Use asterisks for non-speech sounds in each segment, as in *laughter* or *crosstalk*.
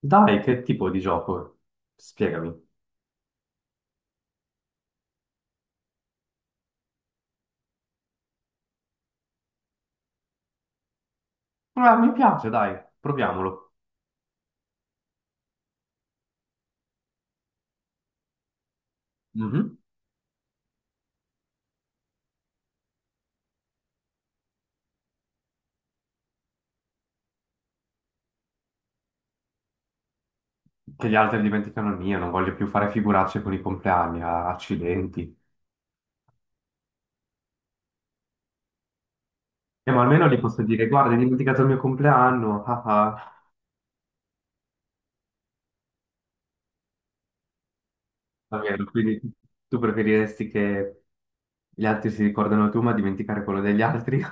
Dai, che tipo di gioco? Spiegami. Ah, mi piace, dai, proviamolo. Mhm. Che gli altri dimenticano il mio, non voglio più fare figuracce con i compleanni, ah, accidenti. Ma almeno gli posso dire, guarda, hai dimenticato il mio compleanno, *laughs* ah, ah. Va bene, quindi tu preferiresti che gli altri si ricordano tu, ma dimenticare quello degli altri?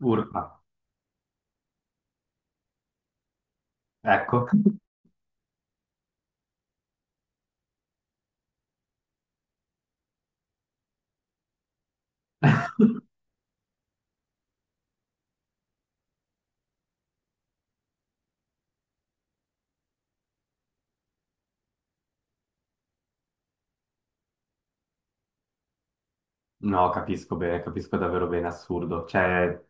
*laughs* Urca, ecco. No, capisco bene, capisco davvero bene, assurdo. Cioè,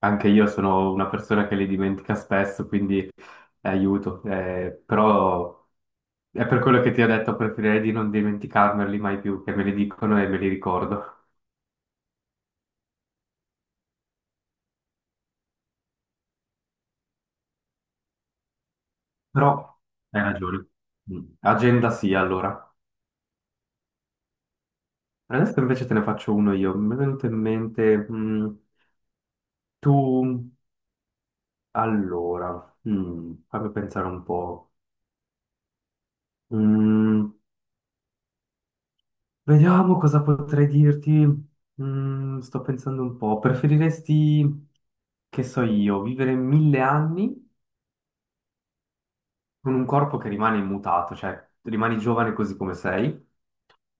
anche io sono una persona che li dimentica spesso, quindi aiuto. Però è per quello che ti ho detto, preferirei di non dimenticarmeli mai più, che me li dicono e me li ricordo. Però hai ragione. Mm. Agenda sì, allora. Adesso invece te ne faccio uno io. Mi è venuto in mente, tu... Allora, fammi pensare un po'. Mm, Vediamo cosa potrei dirti. Sto pensando un po'. Preferiresti, che so io, vivere 1000 anni con un corpo che rimane immutato, cioè rimani giovane così come sei,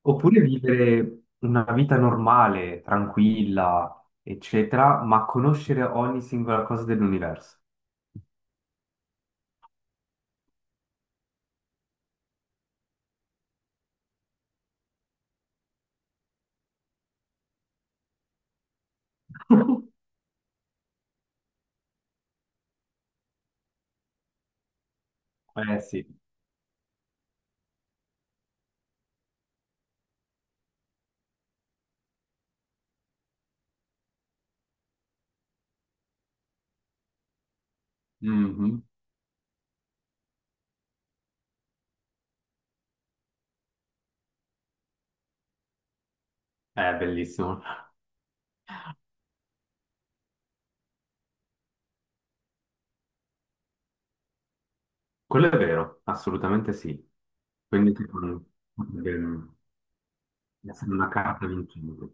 oppure vivere una vita normale, tranquilla, eccetera, ma conoscere ogni singola cosa dell'universo? *laughs* Eh sì. Mhm. È bellissimo. Quello è vero, assolutamente sì. Quindi, tipo, bene. Essere una carta vincente.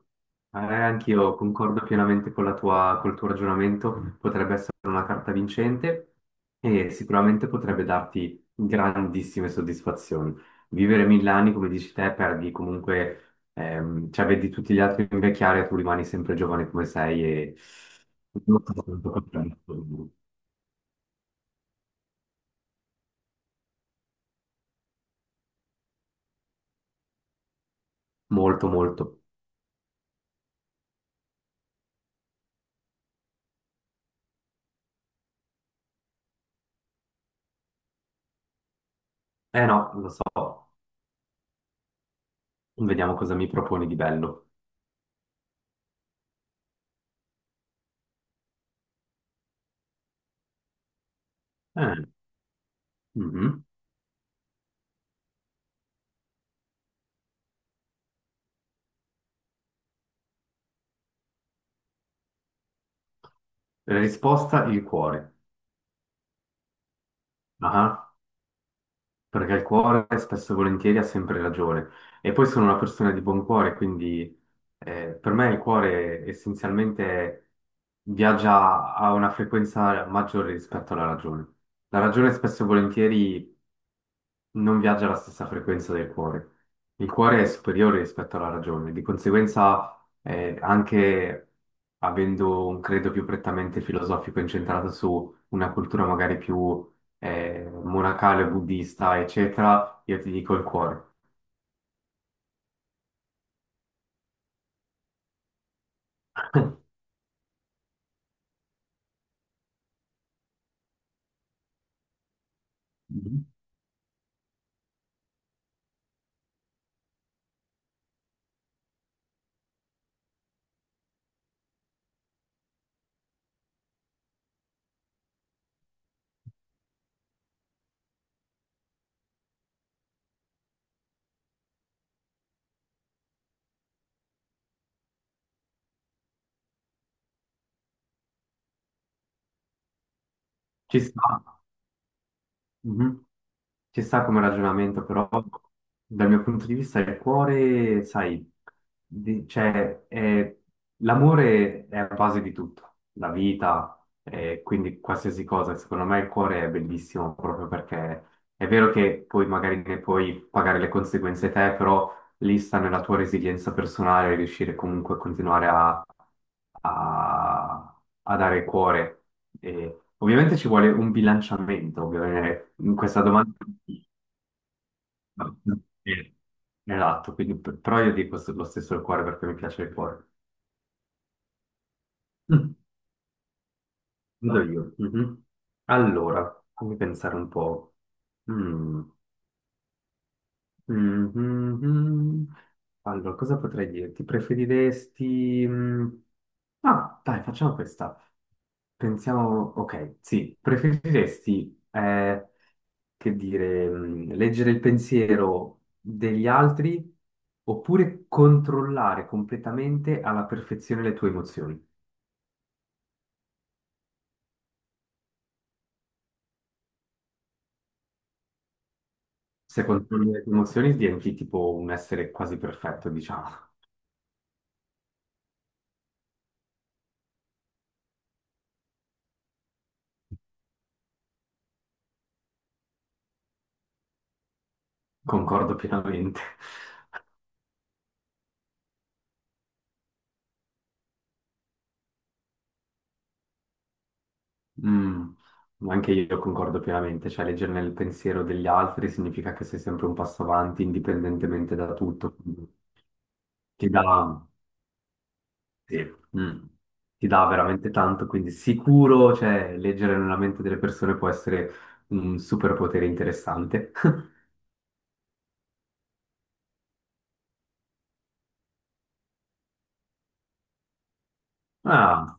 Anch'io concordo pienamente con col tuo ragionamento, potrebbe essere una carta vincente e sicuramente potrebbe darti grandissime soddisfazioni. Vivere mille anni, come dici te, perdi comunque, cioè vedi tutti gli altri invecchiare e tu rimani sempre giovane come sei e non sono tanto contento. Molto, molto. Eh no, lo so, vediamo cosa mi proponi di bello. Eh, mhm. Risposta il cuore. Ah, perché il cuore spesso e volentieri ha sempre ragione. E poi sono una persona di buon cuore, quindi per me il cuore essenzialmente viaggia a una frequenza maggiore rispetto alla ragione. La ragione spesso e volentieri non viaggia alla stessa frequenza del cuore. Il cuore è superiore rispetto alla ragione, di conseguenza, anche avendo un credo più prettamente filosofico incentrato su una cultura magari più monacale, buddista, eccetera, io ti dico il cuore. Mhm. Ci sta. Mhm. Ci sta come ragionamento, però dal mio punto di vista il cuore, sai, di- cioè, è- l'amore è la base di tutto, la vita, quindi qualsiasi cosa. Secondo me il cuore è bellissimo proprio perché è vero che poi magari ne puoi pagare le conseguenze te, però lì sta nella tua resilienza personale riuscire comunque a continuare a dare cuore. E ovviamente ci vuole un bilanciamento, ovviamente in questa domanda. No, sì, esatto, quindi, però io dico lo stesso il cuore perché mi piace il cuore. Mm. Vado io. Mhm. Allora, fammi pensare un po'. Mm. Mhm. Allora, cosa potrei dirti? Ah, dai, facciamo questa. Pensiamo... Ok, sì. Preferiresti leggere il pensiero degli altri oppure controllare completamente alla perfezione le tue emozioni. Se controlli le tue emozioni diventi tipo un essere quasi perfetto, diciamo. *laughs* Concordo pienamente. Mm, Anche io concordo pienamente, cioè leggere nel pensiero degli altri significa che sei sempre un passo avanti indipendentemente da tutto, ti dà, sì. Mm. Ti dà veramente tanto, quindi sicuro, cioè, leggere nella mente delle persone può essere un superpotere interessante. *laughs* Ah,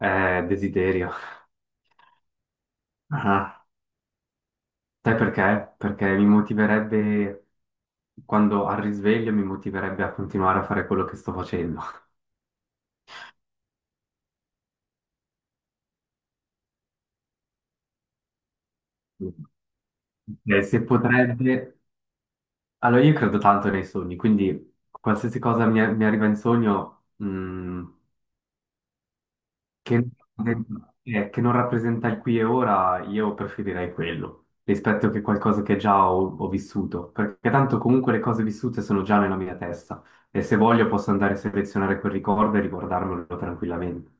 desiderio. Ah, sai perché? Perché mi motiverebbe, quando al risveglio, mi motiverebbe a continuare a fare quello che sto facendo. Se potrebbe... Allora, io credo tanto nei sogni, quindi qualsiasi cosa mi arriva in sogno, che non che non rappresenta il qui e ora, io preferirei quello rispetto che qualcosa che già ho, ho vissuto, perché tanto comunque le cose vissute sono già nella mia testa e se voglio posso andare a selezionare quel ricordo e riguardarmelo tranquillamente.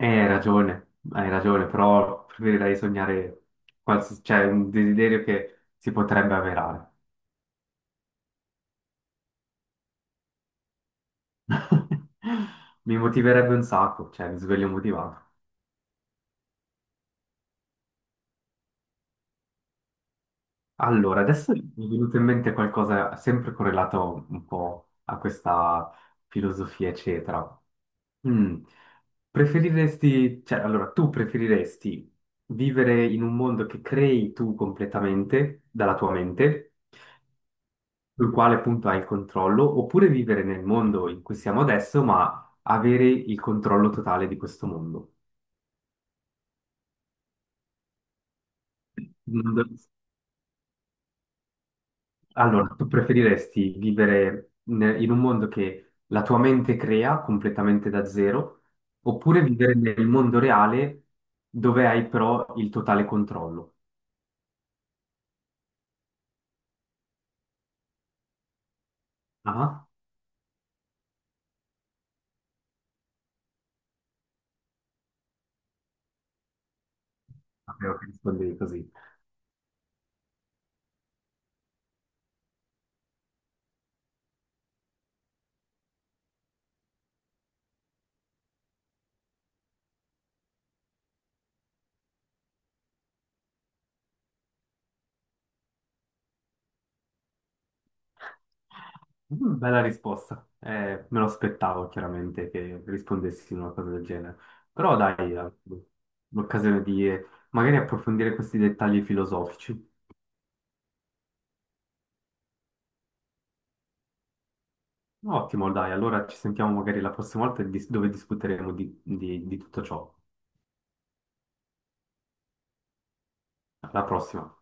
Hai ragione, però preferirei sognare cioè un desiderio che si potrebbe avverare. *laughs* Mi motiverebbe un sacco, cioè mi sveglio motivato. Allora, adesso mi è venuto in mente qualcosa sempre correlato un po' a questa filosofia, eccetera. Mm. Preferiresti, cioè, allora, tu preferiresti vivere in un mondo che crei tu completamente dalla tua mente, sul quale appunto hai il controllo, oppure vivere nel mondo in cui siamo adesso, ma avere il controllo totale di questo mondo? Allora, tu preferiresti vivere in un mondo che la tua mente crea completamente da zero, oppure vivere nel mondo reale dove hai però il totale controllo? Ah, sapevo che rispondevi così. Bella risposta. Me lo aspettavo chiaramente che rispondessi una cosa del genere. Però dai, l'occasione di magari approfondire questi dettagli filosofici. Ottimo, dai, allora ci sentiamo magari la prossima volta dove discuteremo di tutto ciò. Alla prossima.